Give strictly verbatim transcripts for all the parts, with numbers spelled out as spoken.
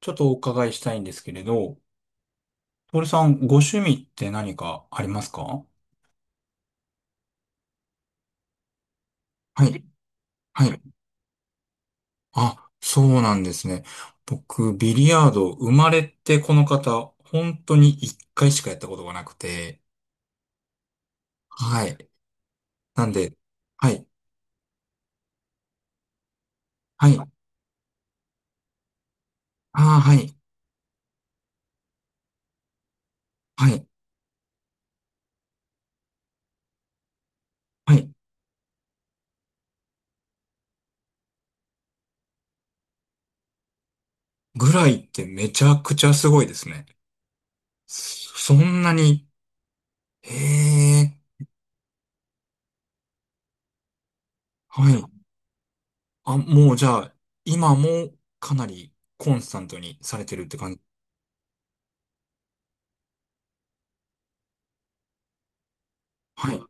ちょっとお伺いしたいんですけれど、トールさん、ご趣味って何かありますか？はい。はい。あ、そうなんですね。僕、ビリヤード、生まれてこの方、本当に一回しかやったことがなくて、はい。なんで、はい。はい。ああ、はい。はい。はい。ぐらいってめちゃくちゃすごいですね。そそんなに、へえ、はい。あ、もうじゃあ、今もかなりコンスタントにされてるって感じ？はい。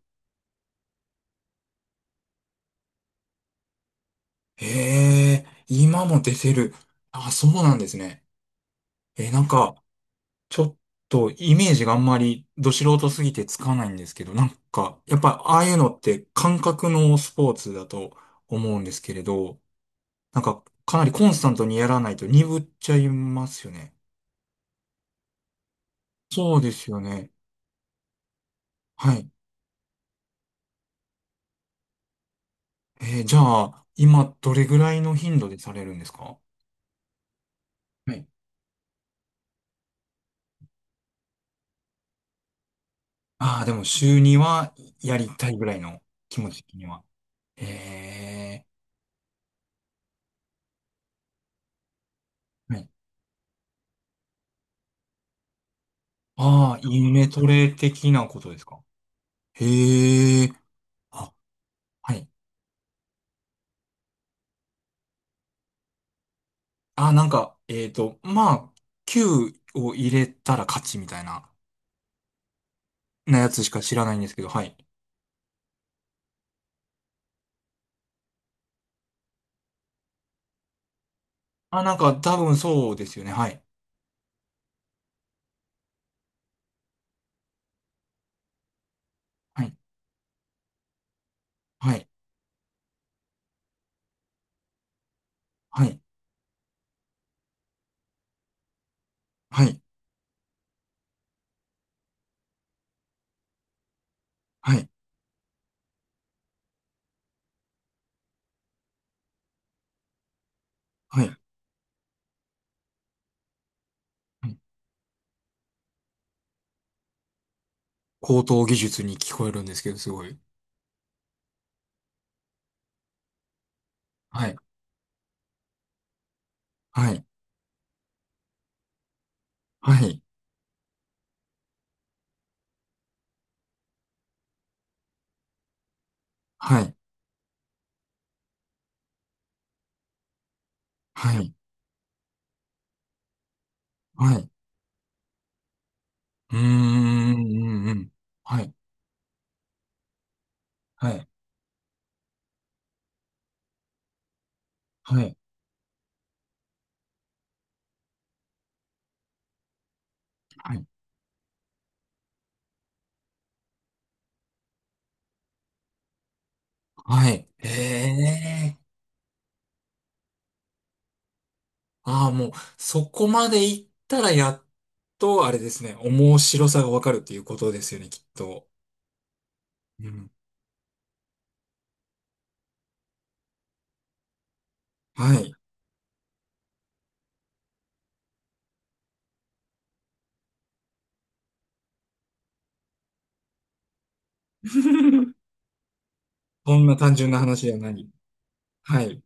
へえ、今も出てる？あ、そうなんですね。え、なんか、ちょっとイメージがあんまりど素人すぎてつかないんですけど、なんか、やっぱああいうのって感覚のスポーツだと思うんですけれど、なんか、かなりコンスタントにやらないと鈍っちゃいますよね。そうですよね。はい。えーじゃあ、今どれぐらいの頻度でされるんですか？はい。ああ、でも週にはやりたいぐらいの気持ち的には。ええ。はい。ああ、イメトレ的なことですか。へえ。あ、はい。あ、なんか、えっと、まあ、きゅうを入れたら勝ちみたいな、な、やつしか知らないんですけど、はい。あ、なんか、多分そうですよね。はい。はい。はい。はい。はい。はい。はい。はい。高等技術に聞こえるんですけど、すごい。はい。はい。はい。はい。はい。はい。うーん。うんうん。はい。はい。はい。はい。はい。へえ。ああ、もう、そこまで行ったらやっと、あれですね、面白さがわかるっていうことですよね、きっと。うん。はい。そんな単純な話じゃない。はい。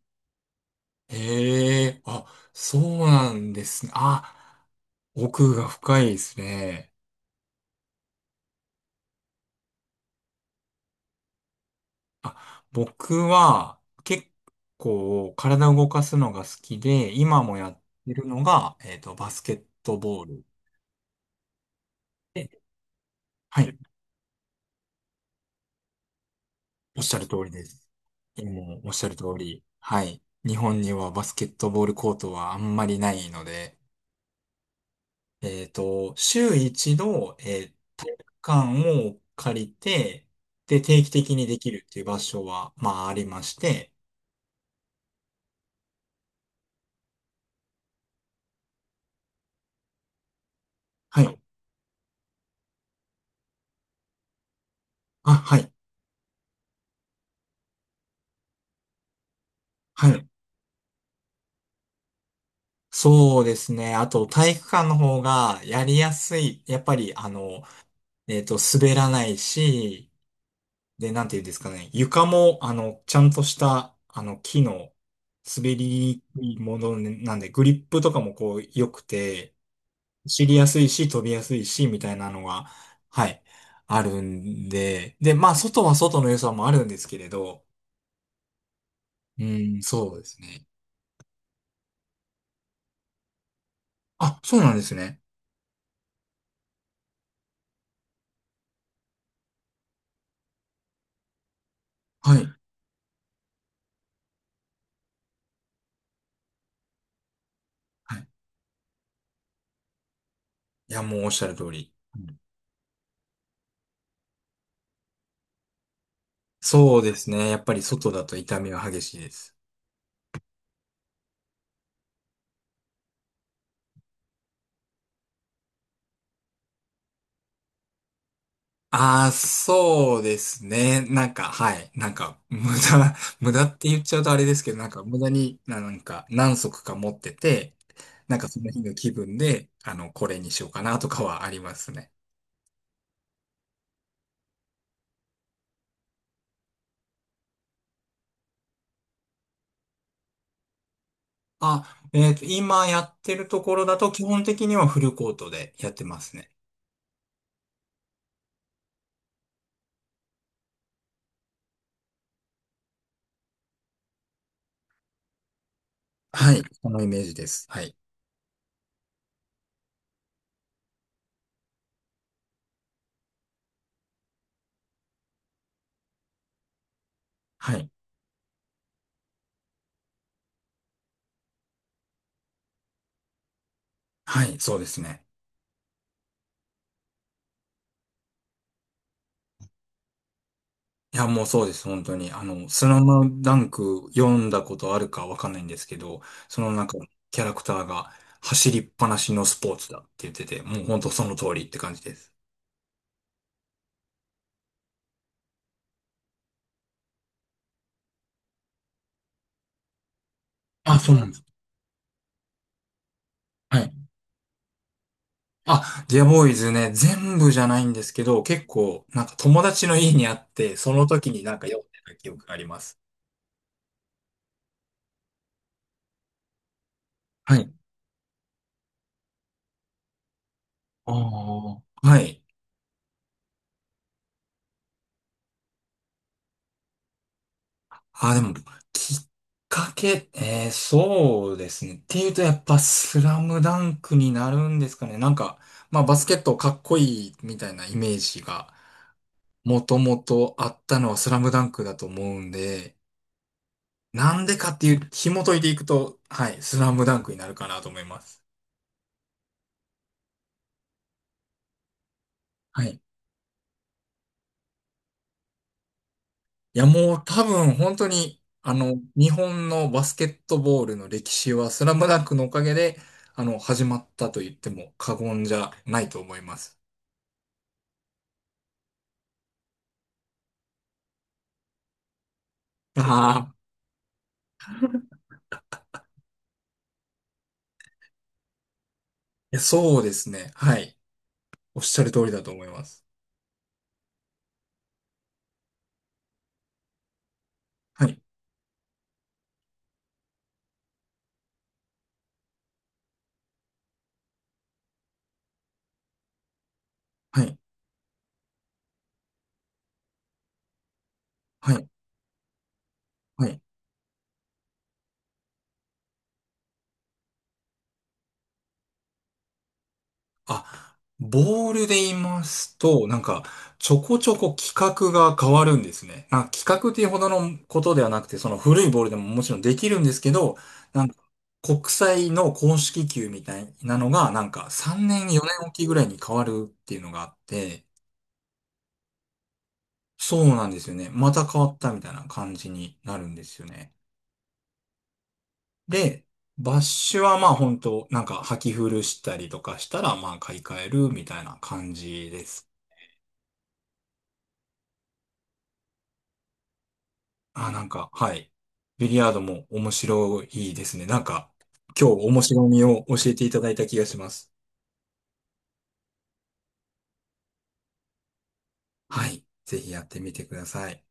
へえ、あ、そうなんですね。あ、奥が深いですね。あ、僕は結構体を動かすのが好きで、今もやってるのが、えっと、バスケットボールで、はい。おっしゃる通りです。もうおっしゃる通り。はい。日本にはバスケットボールコートはあんまりないので、えっと、週一度、えー体育館を借りて、で、定期的にできるっていう場所は、まあ、ありまして、はい。あ、はい。はい。そうですね。あと、体育館の方がやりやすい。やっぱり、あの、えっと、滑らないし、で、なんていうんですかね。床も、あの、ちゃんとした、あの、木の滑りにくいものなんで、グリップとかもこう、良くて、走りやすいし、飛びやすいし、みたいなのが、はい、あるんで、で、まあ、外は外の良さもあるんですけれど、うん、そうですね。あ、そうなんですね。はい。はい。いや、もうおっしゃる通り。そうですね。やっぱり外だと痛みは激しいです。ああ、そうですね。なんか、はい。なんか、無駄、無駄って言っちゃうとあれですけど、なんか、無駄に、ななんか、何足か持ってて、なんか、その日の気分で、あの、これにしようかなとかはありますね。あ、えっと、今やってるところだと、基本的にはフルコートでやってますね。はい。そのイメージです。はい。はい。はい、そうですね。いや、もうそうです、本当に。あの、スラムダンク読んだことあるかわかんないんですけど、その中のキャラクターが走りっぱなしのスポーツだって言ってて、もう本当その通りって感じです。あ、そうなんです。はい。あ、ディアボーイズね、全部じゃないんですけど、結構、なんか友達の家にあって、その時になんか読んでた記憶があります。はい。ああ。はい。あ、でも、きっかけ、えー、そうですね。っていうと、やっぱ、スラムダンクになるんですかね。なんか、まあ、バスケットかっこいいみたいなイメージが、もともとあったのはスラムダンクだと思うんで、なんでかっていう、紐解いていくと、はい、スラムダンクになるかなと思います。はい。いや、もう多分、本当に、あの、日本のバスケットボールの歴史は、スラムダンクのおかげで、あの、始まったと言っても過言じゃないと思います。ああ、いや、そうですね。はい。おっしゃる通りだと思います。はい。はい。はい。はい。あ、ボールで言いますと、なんか、ちょこちょこ企画が変わるんですね。あ、企画っていうほどのことではなくて、その古いボールでももちろんできるんですけど、なんか、国際の公式球みたいなのが、なんか、さんねん、よねんおきぐらいに変わるっていうのがあって、そうなんですよね。また変わったみたいな感じになるんですよね。で、バッシュはまあ本当なんか履き古したりとかしたらまあ買い替えるみたいな感じです。あ、なんか、はい。ビリヤードも面白いですね。なんか、今日面白みを教えていただいた気がします。はい。ぜひやってみてください。